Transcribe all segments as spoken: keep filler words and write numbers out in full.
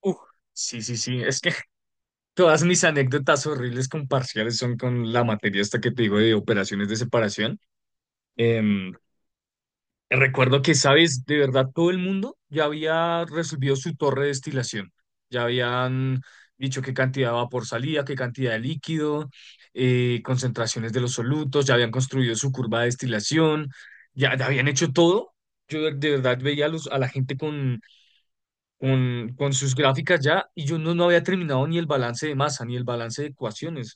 Uf, sí, sí, sí. Es que todas mis anécdotas horribles con parciales son con la materia esta que te digo de operaciones de separación. Em, Recuerdo que, sabes, de verdad todo el mundo ya había resolvido su torre de destilación. Ya habían dicho qué cantidad de vapor salía, qué cantidad de líquido, eh, concentraciones de los solutos, ya habían construido su curva de destilación, ya, ya habían hecho todo. Yo de de verdad veía a, los, a la gente con con, con sus gráficas ya y yo no, no había terminado ni el balance de masa, ni el balance de ecuaciones.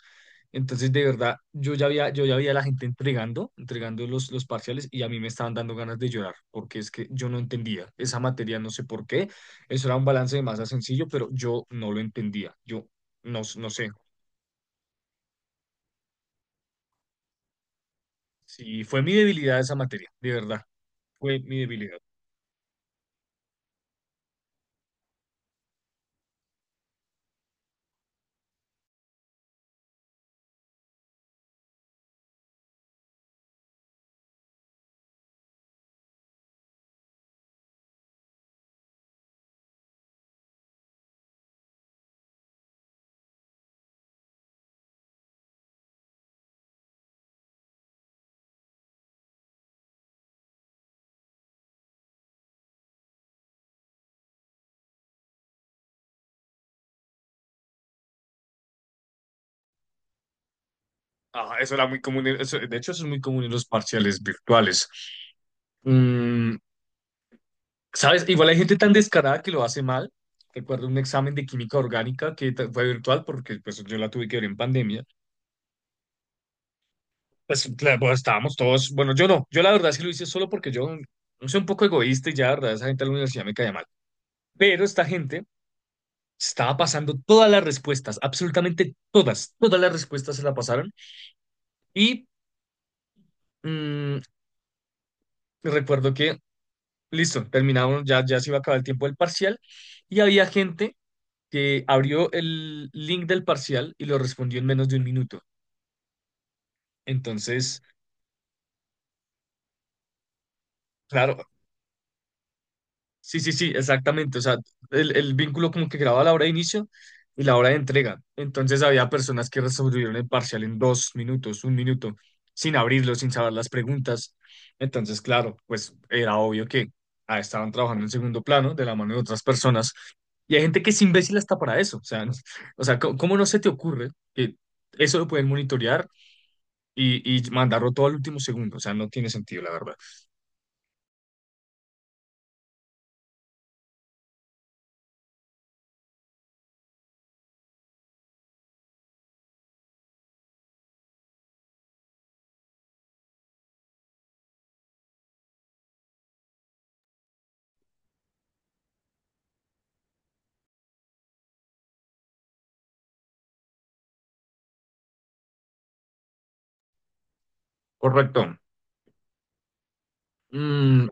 Entonces, de verdad, yo ya había, yo ya había a la gente entregando, entregando los, los parciales y a mí me estaban dando ganas de llorar, porque es que yo no entendía esa materia, no sé por qué. Eso era un balance de masa sencillo, pero yo no lo entendía. Yo no, no sé. Sí, fue mi debilidad esa materia, de verdad, fue mi debilidad. Ah, eso era muy común, en- eso- de hecho, eso es muy común en los parciales virtuales. Mm, ¿sabes? Igual hay gente tan descarada que lo hace mal. Recuerdo un examen de química orgánica que ta- fue virtual porque pues, yo la tuve que ver en pandemia. Pues, claro, pues, estábamos todos, bueno, yo no, yo la verdad sí lo hice solo porque yo soy un poco egoísta y ya, la verdad, esa gente de la universidad me caía mal. Pero esta gente estaba pasando todas las respuestas, absolutamente todas, todas las respuestas se la pasaron. Y mm, recuerdo que, listo, terminamos, ya, ya se iba a acabar el tiempo del parcial y había gente que abrió el link del parcial y lo respondió en menos de un minuto. Entonces, claro, sí, sí, sí, exactamente. O sea, el, el vínculo como que graba la hora de inicio y la hora de entrega. Entonces había personas que resolvieron el parcial en dos minutos, un minuto, sin abrirlo, sin saber las preguntas. Entonces, claro, pues era obvio que ah, estaban trabajando en segundo plano de la mano de otras personas. Y hay gente que es imbécil hasta para eso. O sea, no, o sea, ¿cómo, cómo no se te ocurre que eso lo pueden monitorear y, y mandarlo todo al último segundo? O sea, no tiene sentido, la verdad. Correcto. Mm,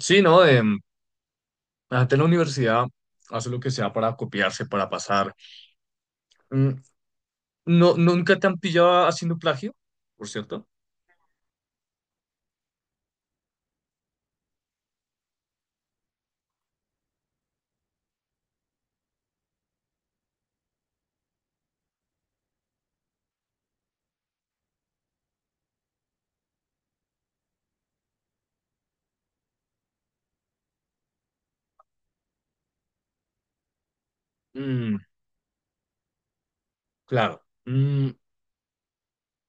sí, ¿no? Eh, la gente en la universidad hace lo que sea para copiarse, para pasar. Mm, no, nunca te han pillado haciendo plagio, por cierto. Mm, claro. Mm,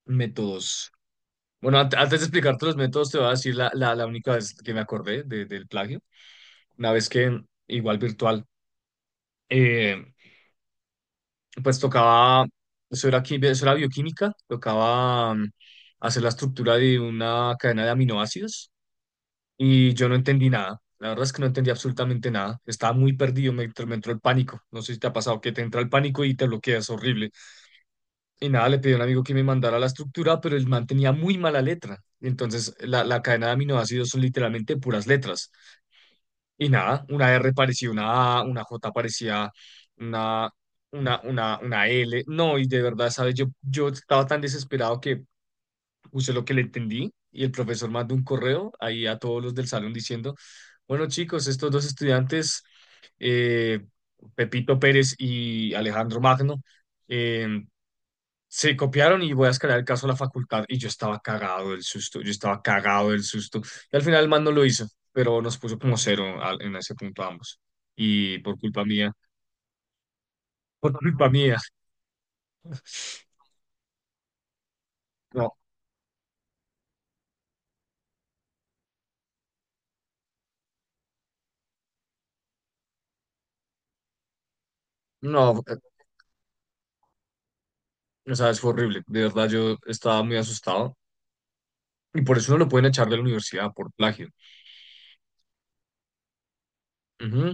métodos. Bueno, ant- antes de explicarte los métodos, te voy a decir la, la, la única vez que me acordé de- del plagio. Una vez que, igual virtual, eh, pues tocaba, eso era, quimi- eso era bioquímica, tocaba mm, hacer la estructura de una cadena de aminoácidos y yo no entendí nada. La verdad es que no entendí absolutamente nada. Estaba muy perdido, me, entró- me entró el pánico. No sé si te ha pasado que te entra el pánico y te bloqueas, horrible. Y nada, le pedí a un amigo que me mandara la estructura, pero el man tenía muy mala letra. Entonces, la, la cadena de aminoácidos son literalmente puras letras. Y nada, una R parecía una A, una J parecía una, una, una, una L. No, y de verdad, ¿sabes? Yo, yo estaba tan desesperado que puse lo que le entendí y el profesor mandó un correo ahí a todos los del salón diciendo, bueno, chicos, estos dos estudiantes, eh, Pepito Pérez y Alejandro Magno, eh, se copiaron y voy a escalar el caso a la facultad. Y yo estaba cagado del susto, yo estaba cagado del susto. Y al final el man no lo hizo, pero nos puso como cero al- en ese punto ambos. Y por culpa mía, por culpa mía. No, no, eh, o sea, es horrible. De verdad, yo estaba muy asustado. Y por eso no lo pueden echar de la universidad por plagio. Ujú,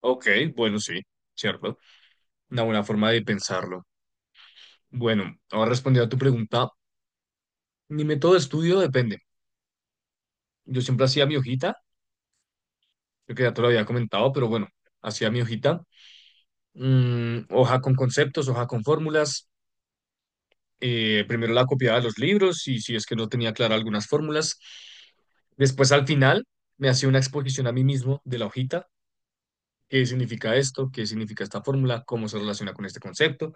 ok, bueno, sí, cierto. Una buena forma de pensarlo. Bueno, ahora respondiendo a tu pregunta, mi método de estudio depende. Yo siempre hacía mi hojita. Creo que ya te lo había comentado, pero bueno, hacía mi hojita, mm, hoja con conceptos, hoja con fórmulas, eh, primero la copiaba de los libros y si es que no tenía clara algunas fórmulas, después al final me hacía una exposición a mí mismo de la hojita, qué significa esto, qué significa esta fórmula, cómo se relaciona con este concepto.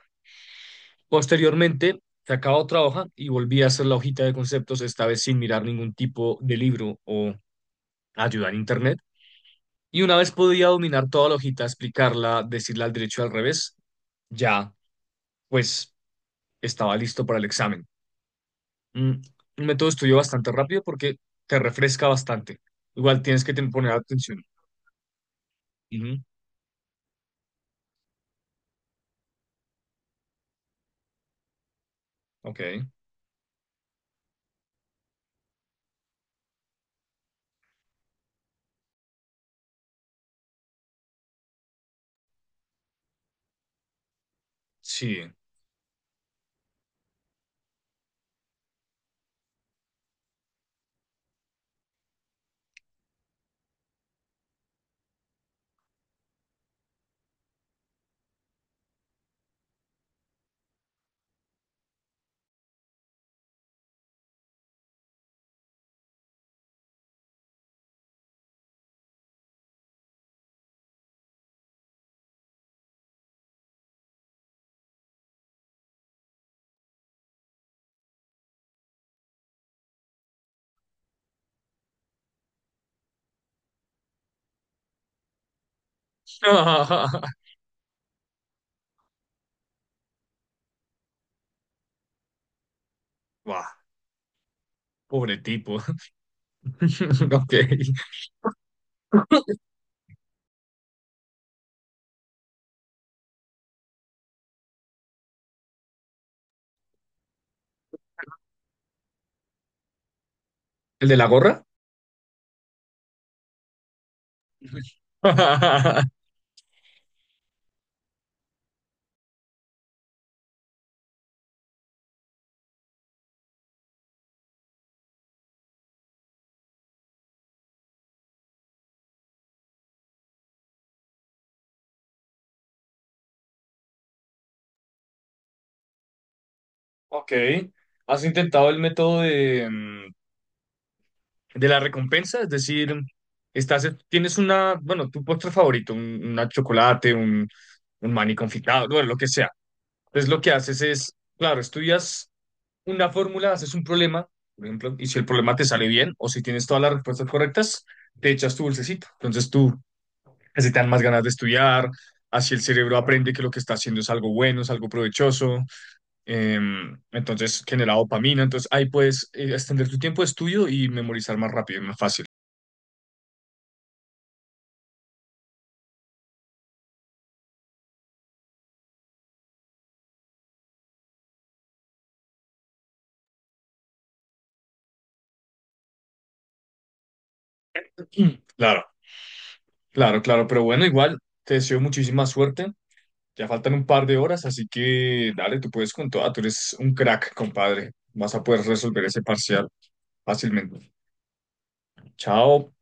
Posteriormente sacaba otra hoja y volvía a hacer la hojita de conceptos, esta vez sin mirar ningún tipo de libro o ayuda en internet. Y una vez podía dominar toda la hojita, explicarla, decirla al derecho y al revés, ya, pues, estaba listo para el examen. Mm, un método de estudio bastante rápido porque te refresca bastante. Igual tienes que ten- poner atención. Ujú, ok, sí. Buah, pobre tipo. Ok. ¿El de la gorra? Ok. ¿Has intentado el método de... de la recompensa? Es decir, estás, tienes una, bueno, tu postre favorito, un, una chocolate, un, un maní confitado, bueno, lo que sea. Entonces lo que haces es, claro, estudias una fórmula, haces un problema, por ejemplo, y si el problema te sale bien o si tienes todas las respuestas correctas, te echas tu dulcecito. Entonces tú, así te dan más ganas de estudiar, así el cerebro aprende que lo que está haciendo es algo bueno, es algo provechoso, em, entonces genera dopamina, entonces ahí puedes eh, extender tu tiempo de estudio y memorizar más rápido, más fácil. Claro, claro, claro, pero bueno, igual te deseo muchísima suerte. Ya faltan un par de horas, así que dale, tú puedes con toda, tú eres un crack, compadre. Vas a poder resolver ese parcial fácilmente. Chao.